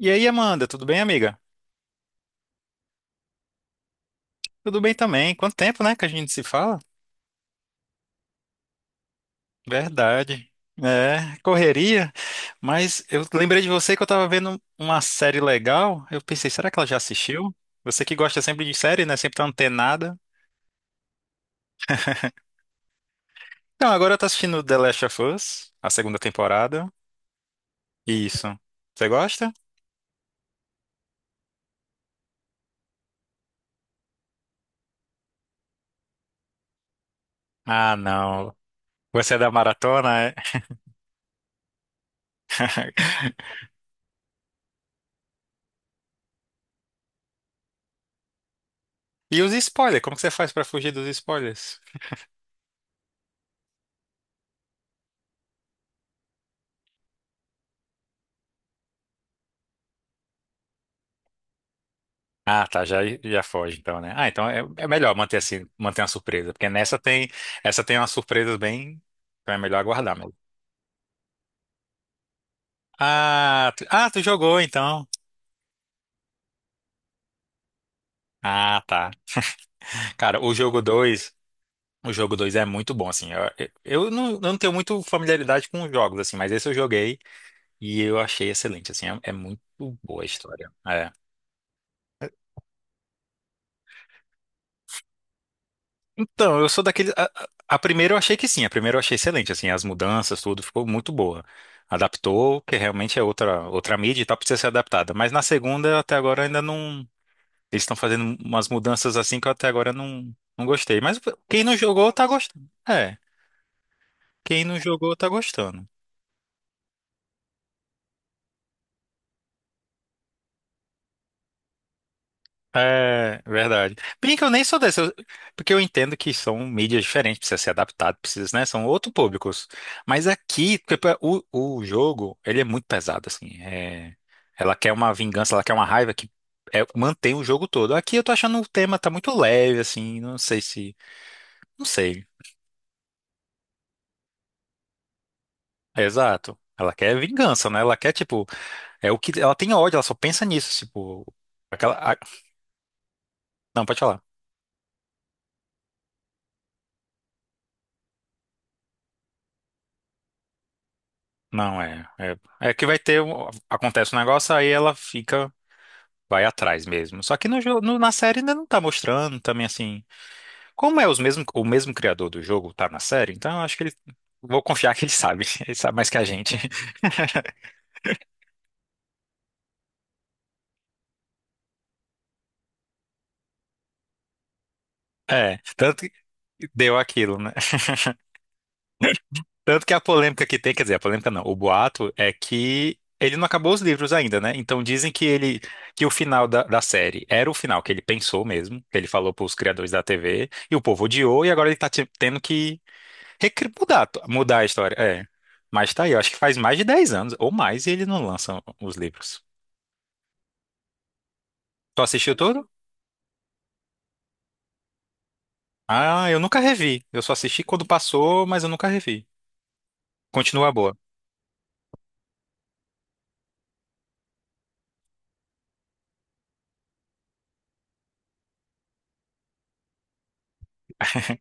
E aí, Amanda, tudo bem, amiga? Tudo bem também. Quanto tempo, né, que a gente se fala? Verdade. É, correria. Mas eu lembrei de você que eu tava vendo uma série legal. Eu pensei, será que ela já assistiu? Você que gosta sempre de série, né? Sempre tá antenada. Então, agora eu tô assistindo The Last of Us, a segunda temporada. Isso. Você gosta? Ah, não. Você é da maratona, é? E os spoilers? Como que você faz pra fugir dos spoilers? Ah, tá, já foge então, né? Ah, então é melhor manter assim, manter uma surpresa, porque nessa tem, essa tem umas surpresas bem, então é melhor aguardar mesmo. Ah, tu jogou então. Ah, tá. Cara, o jogo dois é muito bom assim. Eu não tenho muito familiaridade com os jogos assim, mas esse eu joguei e eu achei excelente assim, é muito boa a história. É. Então, eu sou daquele. A primeira eu achei que sim, a primeira eu achei excelente, assim, as mudanças, tudo ficou muito boa. Adaptou, que realmente é outra, outra mídia e tal, precisa ser adaptada. Mas na segunda, até agora, ainda não. Eles estão fazendo umas mudanças assim que eu até agora não gostei. Mas quem não jogou tá gostando. É, quem não jogou tá gostando. É, verdade. Bem que eu nem sou desse, eu, porque eu entendo que são mídias diferentes, precisa ser adaptado, precisa, né? São outros públicos. Mas aqui, tipo, o jogo, ele é muito pesado, assim. É, ela quer uma vingança, ela quer uma raiva que é, mantém o jogo todo. Aqui eu tô achando o tema tá muito leve, assim, não sei se. Não sei. Exato. Ela quer vingança, né? Ela quer, tipo, é o que. Ela tem ódio, ela só pensa nisso, tipo. Aquela. A- não, pode falar. Não, é. É que vai ter. Um- Acontece um negócio, aí ela fica. Vai atrás mesmo. Só que no, jo- no- na série ainda não tá mostrando também assim. Como é os mesmo, o mesmo criador do jogo tá na série, então eu acho que ele. Vou confiar que ele sabe. Ele sabe mais que a gente. É. Tanto que deu aquilo, né? Tanto que a polêmica que tem, quer dizer, a polêmica não, o boato é que ele não acabou os livros ainda, né? Então dizem que ele, que o final da, da série era o final que ele pensou mesmo, que ele falou para os criadores da TV, e o povo odiou, e agora ele tá te- tendo que recri- mudar, mudar a história. É. Mas tá aí, eu acho que faz mais de dez anos ou mais e ele não lança os livros. Tu assistiu todo? Ah, eu nunca revi. Eu só assisti quando passou, mas eu nunca revi. Continua boa.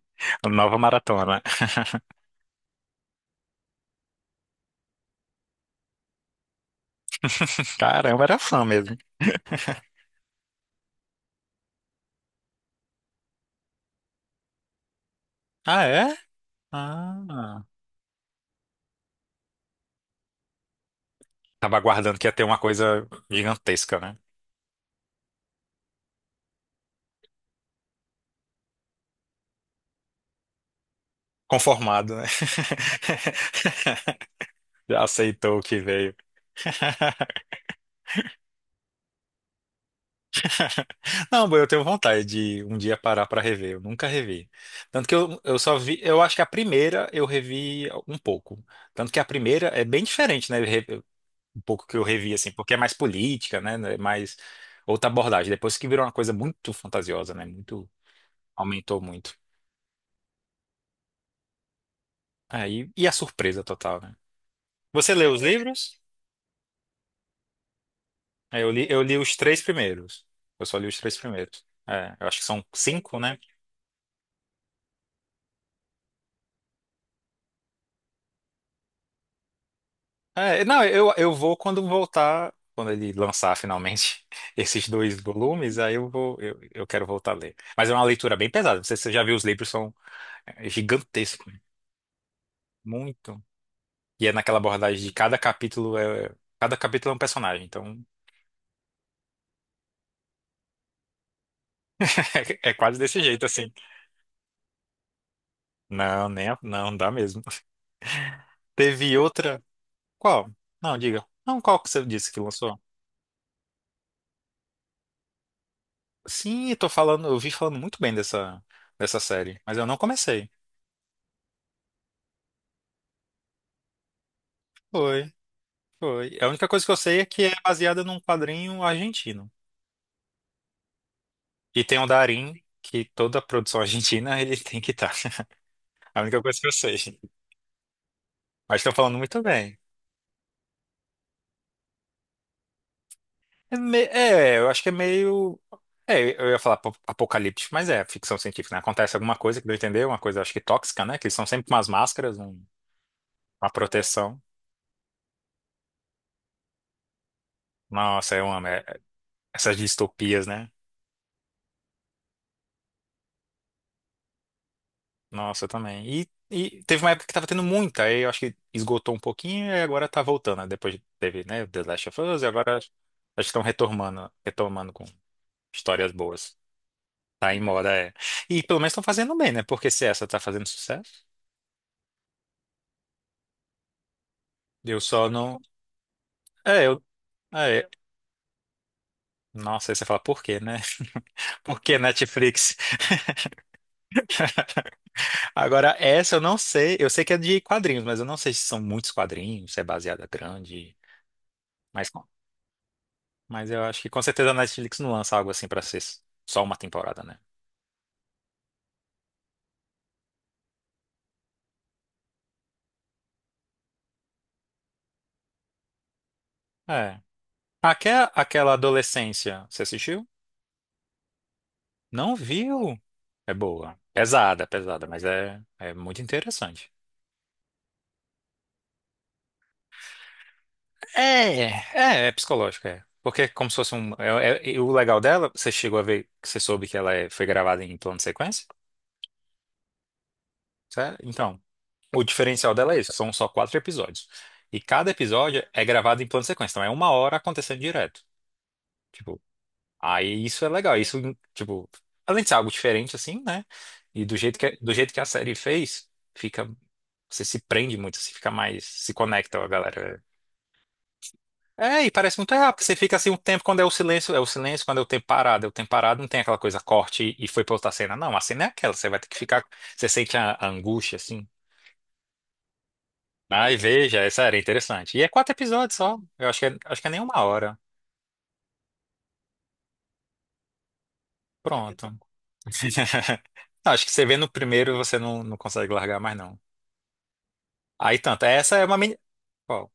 Nova maratona. Caramba, era fã mesmo. Ah, é? Ah. Tava aguardando que ia ter uma coisa gigantesca, né? Conformado, né? Já aceitou o que veio. Não, eu tenho vontade de um dia parar pra rever. Eu nunca revi. Tanto que eu só vi. Eu acho que a primeira eu revi um pouco. Tanto que a primeira é bem diferente, né? re- Um pouco que eu revi, assim, porque é mais política, né? É mais outra abordagem. Depois que virou uma coisa muito fantasiosa, né? Muito. Aumentou muito. Aí, e a surpresa total, né? Você leu os livros? É, eu li, eu li os três primeiros. Eu só li os três primeiros. É, eu acho que são cinco, né? É, não, eu vou quando voltar, quando ele lançar finalmente esses dois volumes, aí eu vou, eu quero voltar a ler. Mas é uma leitura bem pesada. Você já viu os livros, são é, gigantescos, né? Muito. E é naquela abordagem de cada capítulo é um personagem, então é, é quase desse jeito assim. Não, nem, a- não dá mesmo. Teve outra. Qual? Não, diga. Não, qual que você disse que lançou? Sim, eu tô falando, eu vi falando muito bem dessa, dessa série, mas eu não comecei. Foi, foi. A única coisa que eu sei é que é baseada num quadrinho argentino. E tem o Darín, que toda produção argentina ele tem que estar. A única coisa que eu sei. Mas estão falando muito bem. É, me- é, eu acho que é meio. É, eu ia falar apo- apocalíptico, mas é ficção científica, né? Acontece alguma coisa que não entendeu, uma coisa acho que tóxica, né? Que eles são sempre umas máscaras, um- uma proteção. Nossa, eu amo é, essas distopias, né? Nossa, eu também. E teve uma época que tava tendo muita, aí eu acho que esgotou um pouquinho e agora tá voltando, né? Depois teve, né, The Last of Us e agora acho que estão retomando, retomando com histórias boas. Tá em moda, é. E pelo menos estão fazendo bem, né? Porque se essa tá fazendo sucesso, eu só não. É, eu. É. Nossa, aí você fala, por quê, né? Por que Netflix? Agora, essa eu não sei. Eu sei que é de quadrinhos, mas eu não sei se são muitos quadrinhos, se é baseada grande. Mas. Mas eu acho que com certeza a Netflix não lança algo assim pra ser só uma temporada, né? É. Aquela, aquela adolescência, você assistiu? Não viu? É boa. Pesada, pesada, mas é muito interessante. É, é psicológica, é. Porque é como se fosse um, é- é- e o legal dela, você chegou a ver, você soube que ela é- foi gravada em plano de sequência? Certo? Então, o diferencial dela é isso, são só quatro episódios. E cada episódio é gravado em plano de sequência, então é uma hora acontecendo direto. Tipo. Aí isso é legal, isso, tipo, além de ser algo diferente, assim, né? E do jeito que, é, do jeito que a série fez, fica, você se prende muito, você fica mais, se conecta, ó, galera, né. É, e parece muito rápido, você fica assim um tempo, quando é o silêncio, quando é o tempo parado, é o tempo parado, não tem aquela coisa corte e foi pra outra cena, não, a cena é aquela, você vai ter que ficar, você sente a angústia, assim. Ai, veja, essa era interessante. E é quatro episódios só, eu acho que é nem uma hora. Pronto. Não, acho que você vê no primeiro, você não, não consegue largar mais, não. Aí tanto, essa é uma mini... Ó,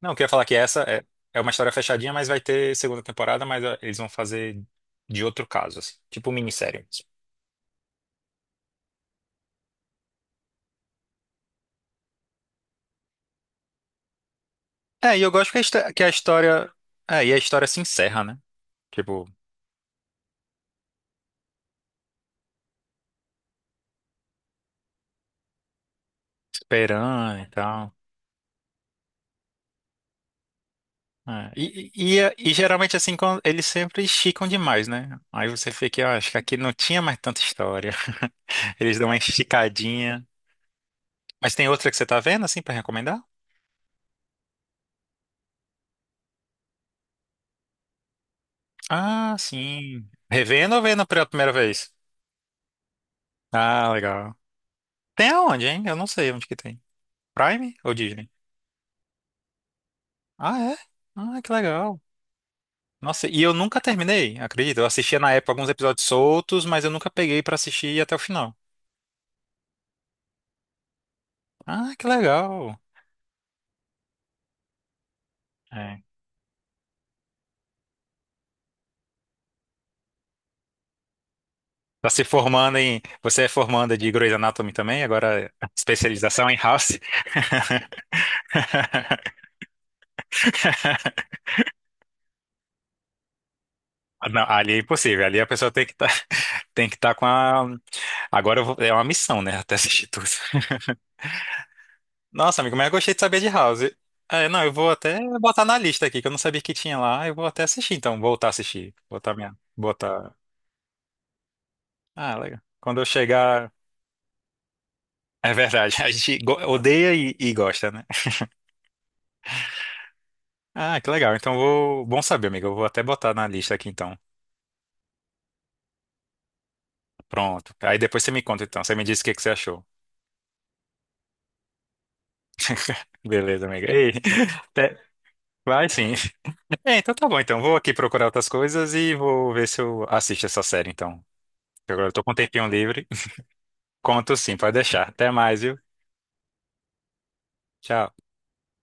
não, eu queria falar que essa é, é uma história fechadinha, mas vai ter segunda temporada, mas ó, eles vão fazer de outro caso, assim, tipo minissérie mesmo. É, e eu gosto que a histó- que a história... É, e a história se encerra, né? Tipo, esperando e tal. É, E, e geralmente assim, quando eles sempre esticam demais, né? Aí você fica, ah, acho que aqui não tinha mais tanta história. Eles dão uma esticadinha. Mas tem outra que você tá vendo, assim, pra recomendar? Ah, sim. Revendo ou vendo pela primeira vez? Ah, legal. Tem aonde, hein? Eu não sei onde que tem. Prime ou Disney? Ah, é? Ah, que legal. Nossa, e eu nunca terminei, acredito. Eu assistia na época alguns episódios soltos, mas eu nunca peguei pra assistir até o final. Ah, que legal. É. Tá se formando em. Você é formanda de Grey's Anatomy também, agora especialização em House. Não, ali é impossível. Ali a pessoa tem que estar tem que tá com a. Agora eu vou, é uma missão, né? Até assistir tudo. Nossa, amigo, mas eu gostei de saber de House. É, não, eu vou até botar na lista aqui, que eu não sabia que tinha lá. Eu vou até assistir, então. Voltar a assistir. Botar minha. Botar. Ah, legal. Quando eu chegar. É verdade. A gente go- odeia e gosta, né? Ah, que legal. Então vou. Bom saber, amigo. Eu vou até botar na lista aqui, então. Pronto. Aí depois você me conta, então. Você me diz o que que você achou. Beleza, amiga. Ei, até, vai sim. É, então tá bom, então. Vou aqui procurar outras coisas e vou ver se eu assisto essa série, então. Porque agora eu tô com um tempinho livre. Conto sim, pode deixar. Até mais, viu? Tchau.